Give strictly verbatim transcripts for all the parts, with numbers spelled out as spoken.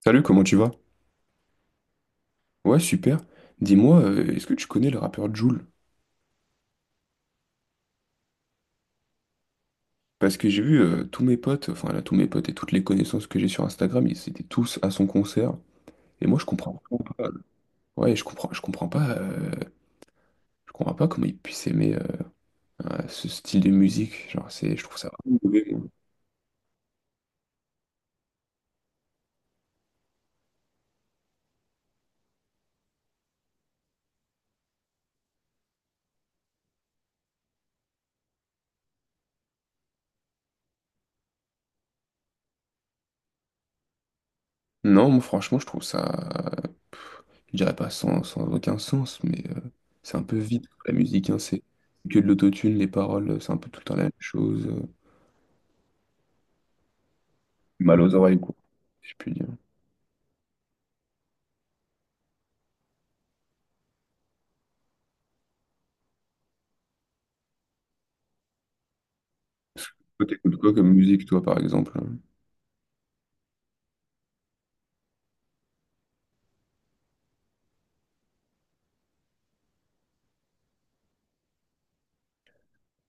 Salut, comment tu vas? Ouais, super. Dis-moi, euh, est-ce que tu connais le rappeur Jul? Parce que j'ai vu euh, tous mes potes, enfin là, tous mes potes et toutes les connaissances que j'ai sur Instagram, ils étaient tous à son concert. Et moi, je comprends pas. Ouais, je comprends, je comprends pas. euh, je comprends pas comment ils puissent aimer euh, euh, ce style de musique. Genre, c'est, je trouve ça vraiment mauvais, moi. Non, moi, franchement, je trouve ça, je dirais pas sans, sans aucun sens, mais euh, c'est un peu vide la musique, hein, c'est que de l'autotune, les paroles, c'est un peu tout le temps la même chose. euh, Mal aux oreilles, quoi. Si je puis dire. Toi, t'écoutes quoi comme musique, toi, par exemple?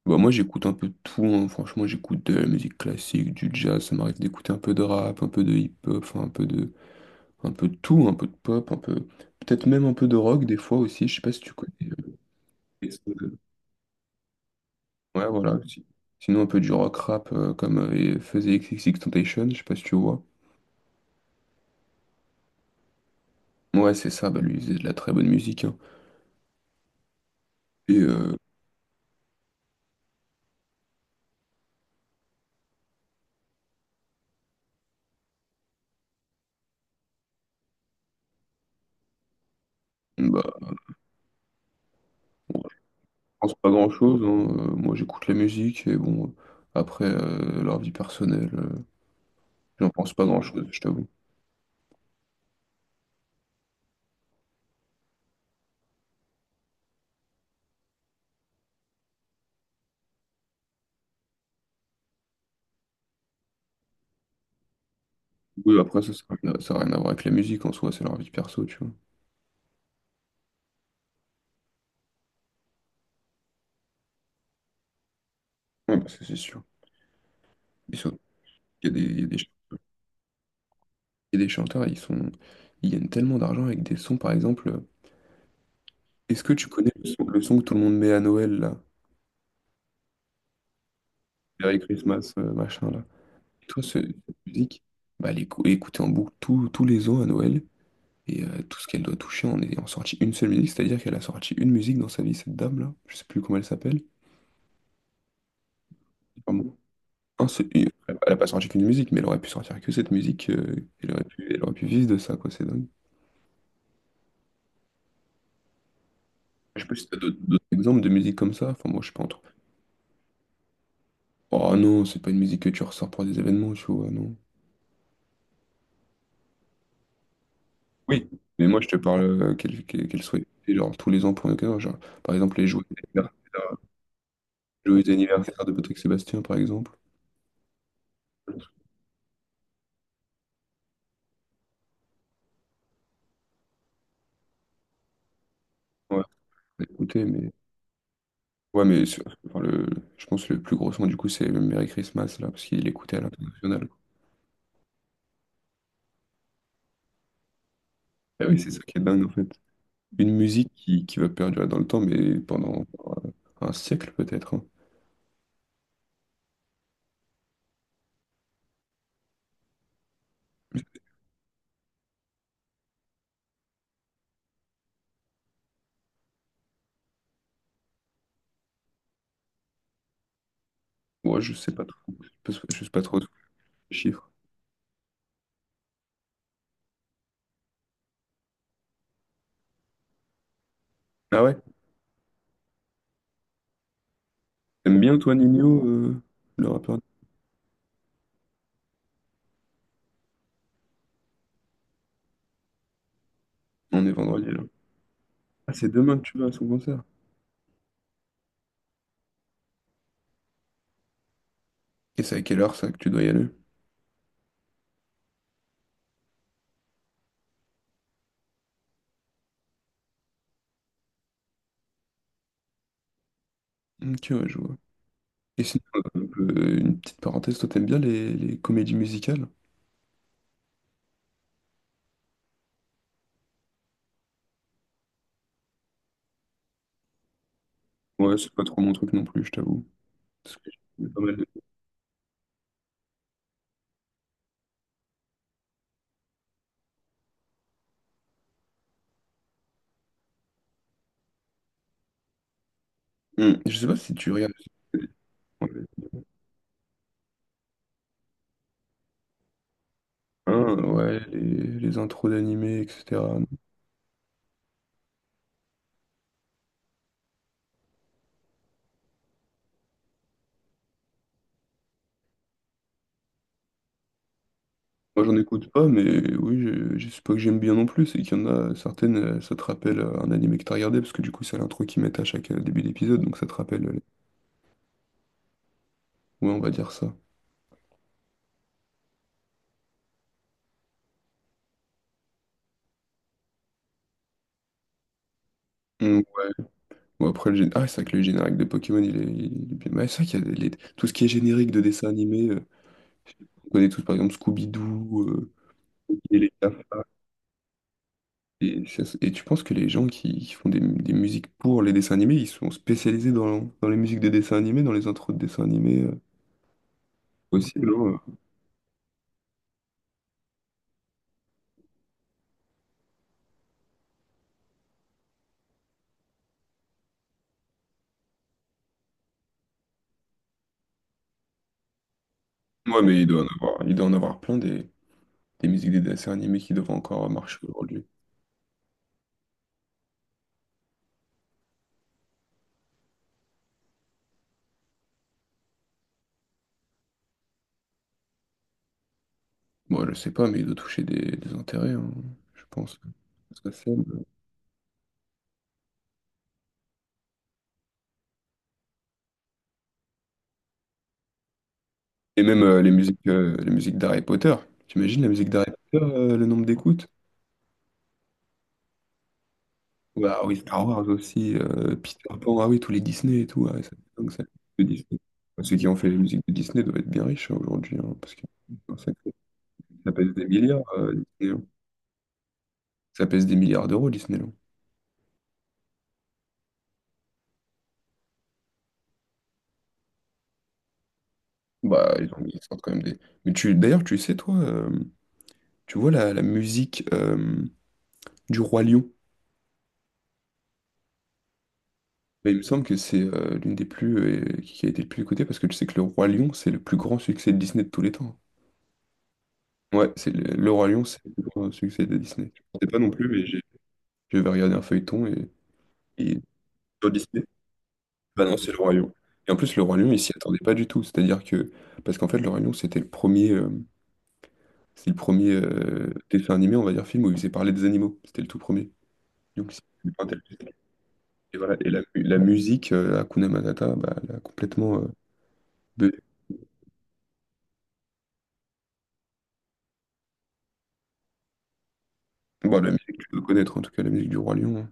Bah, moi, j'écoute un peu de tout, hein. Franchement, j'écoute de la musique classique, du jazz, ça m'arrive d'écouter un peu de rap, un peu de hip-hop, enfin, un peu de, un peu de tout, un peu de pop, un peu, peut-être même un peu de rock, des fois aussi, je sais pas si tu connais. euh, les sons de- Ouais, voilà. si- Sinon, un peu du rock rap, euh, comme euh, faisait XXXTentacion, je sais pas si tu vois. Ouais, c'est ça, bah, lui, il faisait de la très bonne musique, hein. Et, euh, bah, bon, je pense pas grand-chose, hein. Euh, Moi, j'écoute la musique, et bon, après, euh, leur vie personnelle. euh, J'en pense pas grand-chose, je t'avoue. Oui, après, ça, ça n'a rien à ça a rien à voir avec la musique en soi, c'est leur vie perso, tu vois. Ouais, bah, ça, c'est sûr. Ils sont... Il y a des, il y a des ch- il y a des chanteurs, ils sont... ils gagnent tellement d'argent avec des sons, par exemple. euh, Est-ce que tu connais le son, le son que tout le monde met à Noël, là? Merry Christmas, euh, machin, là. Et toi, ce- cette musique, bah, elle est écou- écoutée en boucle tous tous les ans à Noël. Et euh, tout ce qu'elle doit toucher en est en sortie une seule musique, c'est-à-dire qu'elle a sorti une musique dans sa vie, cette dame-là. Je sais plus comment elle s'appelle. Non, c'est- il- Elle a pas sorti qu'une musique, mais elle aurait pu sortir que cette musique. euh, elle aurait pu, elle aurait pu vivre de ça, quoi. C'est dingue. Je sais pas si t'as d'autres d'autres exemples de musique comme ça. Enfin, moi, je suis pas entre. Oh non, c'est pas une musique que tu ressors pour des événements, tu vois, non. Oui. Mais moi, je te parle euh, qu'elle qu'elle qu'elle soit écoutée, genre tous les ans pour une occasion. Genre, par exemple, les joyeux anniversaires, joyeux anniversaire de Patrick Sébastien, par exemple. Ouais. Bah, écoutez, mais. Ouais, mais sur- enfin, le... je pense que le plus gros son, du coup, c'est le Merry Christmas, là, parce qu'il l'écoutait à l'international. Ah oui, c'est ça qui est dingue, en fait. Une musique qui, qui va perdurer dans le temps, mais pendant euh, un siècle peut-être, hein. Moi, je sais pas trop. Je sais pas je sais pas trop les chiffres. Ah ouais? T'aimes bien toi, Nino, euh, le rappeur? On est vendredi là. Ah, c'est demain que tu vas à son concert. Et c'est à quelle heure ça que tu dois y aller? Ok, ouais, je vois. Et sinon, un peu- une petite parenthèse, toi, t'aimes bien les, les comédies musicales? Ouais, c'est pas trop mon truc non plus, je t'avoue. Parce que j'ai pas mal de- Hmm, je sais pas si tu regardes. Ah, ouais, les, les intros d'animés, et cætera. Moi, j'en écoute pas, mais oui, je, je sais pas que j'aime bien non plus, c'est qu'il y en a certaines, euh, ça te rappelle euh, un animé que t'as regardé, parce que du coup, c'est l'intro qu'ils mettent à chaque euh, début d'épisode, donc ça te rappelle. euh, les- Ouais, on va dire ça. Mm. Bon, après, le gén- ah, C'est vrai que le générique de Pokémon, il est, il est bien. Ouais, c'est vrai qu'il y a des- les- Tout ce qui est générique de dessin animé, euh, on connaît tous, par exemple, Scooby-Doo, euh, et les Taffes. Et, ça- et tu penses que les gens qui, qui font des, des musiques pour les dessins animés, ils sont spécialisés dans, dans les musiques des dessins animés, dans les intros de dessins animés, euh, aussi. Ouais, mais il doit en avoir, il doit en avoir plein des, des musiques des dessins animés qui doivent encore marcher aujourd'hui. Moi, je sais pas, mais il doit toucher des, des intérêts, hein, je pense. Parce que c'est- Et même euh, les musiques, euh, les musiques d'Harry Potter. T'imagines la musique d'Harry Potter, euh, le nombre d'écoutes? Ouais, ah oui, Star Wars aussi, euh, Peter Pan, ah oui, tous les Disney et tout, ah ouais, ça, c'est dingue, ça, le Disney. Enfin, ceux qui ont fait les musiques de Disney doivent être bien riches hein, aujourd'hui, hein, parce que enfin, ça, ça pèse des milliards, euh, Disney, hein. Ça pèse des milliards d'euros, Disneyland. Bah, ils ont- ils sortent quand même des. Mais tu, d'ailleurs, tu sais, toi, euh, tu vois la, la musique euh, du Roi Lion. Bah, il me semble que c'est euh, l'une des plus. Euh, qui a été le plus écoutée parce que tu sais que le Roi Lion, c'est le plus grand succès de Disney de tous les temps. Ouais, c'est le, le Roi Lion, c'est le plus grand succès de Disney. Je ne sais pas non plus, mais j'ai- J'avais regardé un feuilleton et, et sur Disney, bah non, c'est le Roi Lion. Et en plus, le Roi Lion, il s'y attendait pas du tout. C'est-à-dire que. Parce qu'en fait, le Roi Lion, c'était le premier. Euh, c'est le premier euh, dessin animé, on va dire, film où il faisait parler des animaux. C'était le tout premier. Donc, c'est super intéressant. Et voilà, et la, la musique, euh, Hakuna Matata, bah, elle a complètement... euh, de... bon, la musique, tu dois connaître, en tout cas, la musique du Roi Lion, hein.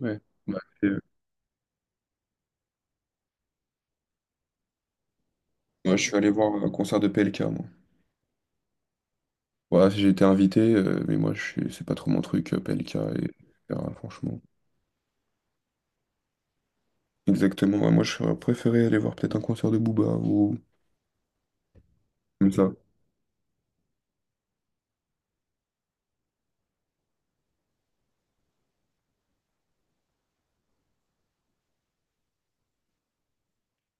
Ouais. Bah, c'est- euh, Moi, je suis allé voir un concert de P L K, moi. Voilà, j'ai été invité, euh, mais moi, je suis... c'est pas trop mon truc, euh, P L K, et... etc., franchement. Exactement, ouais, moi, j'aurais préféré aller voir peut-être un concert de Booba, ou comme ça.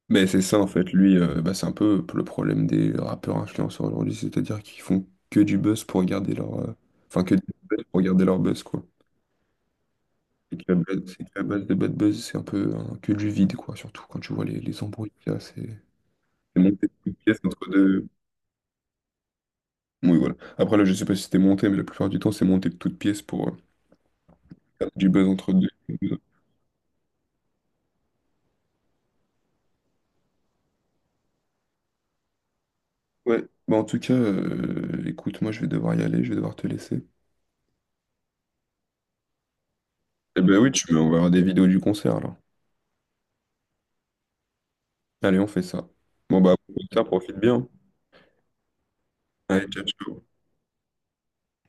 Mais c'est ça, en fait, lui, euh, bah, c'est un peu le problème des rappeurs influenceurs aujourd'hui, c'est-à-dire qu'ils font que du buzz pour garder leur... euh, Enfin, que du buzz pour garder leur buzz, quoi. C'est que la base c'est que la base de Bad Buzz, c'est un peu hein, que du vide, quoi. Surtout quand tu vois les, les embrouilles qu'il y a, c'est c'est monté de toutes pièces entre deux. Oui, voilà. Après, là, je sais pas si c'était monté, mais la plupart du temps, c'est monté de toutes pièces pour euh, faire du buzz entre deux. Ouais, bah en tout cas, euh, écoute, moi, je vais devoir y aller, je vais devoir te laisser. Eh ben oui, tu me verra des vidéos du concert, alors. Allez, on fait ça. Bon, bah, au profite bien. Allez, ciao, ciao.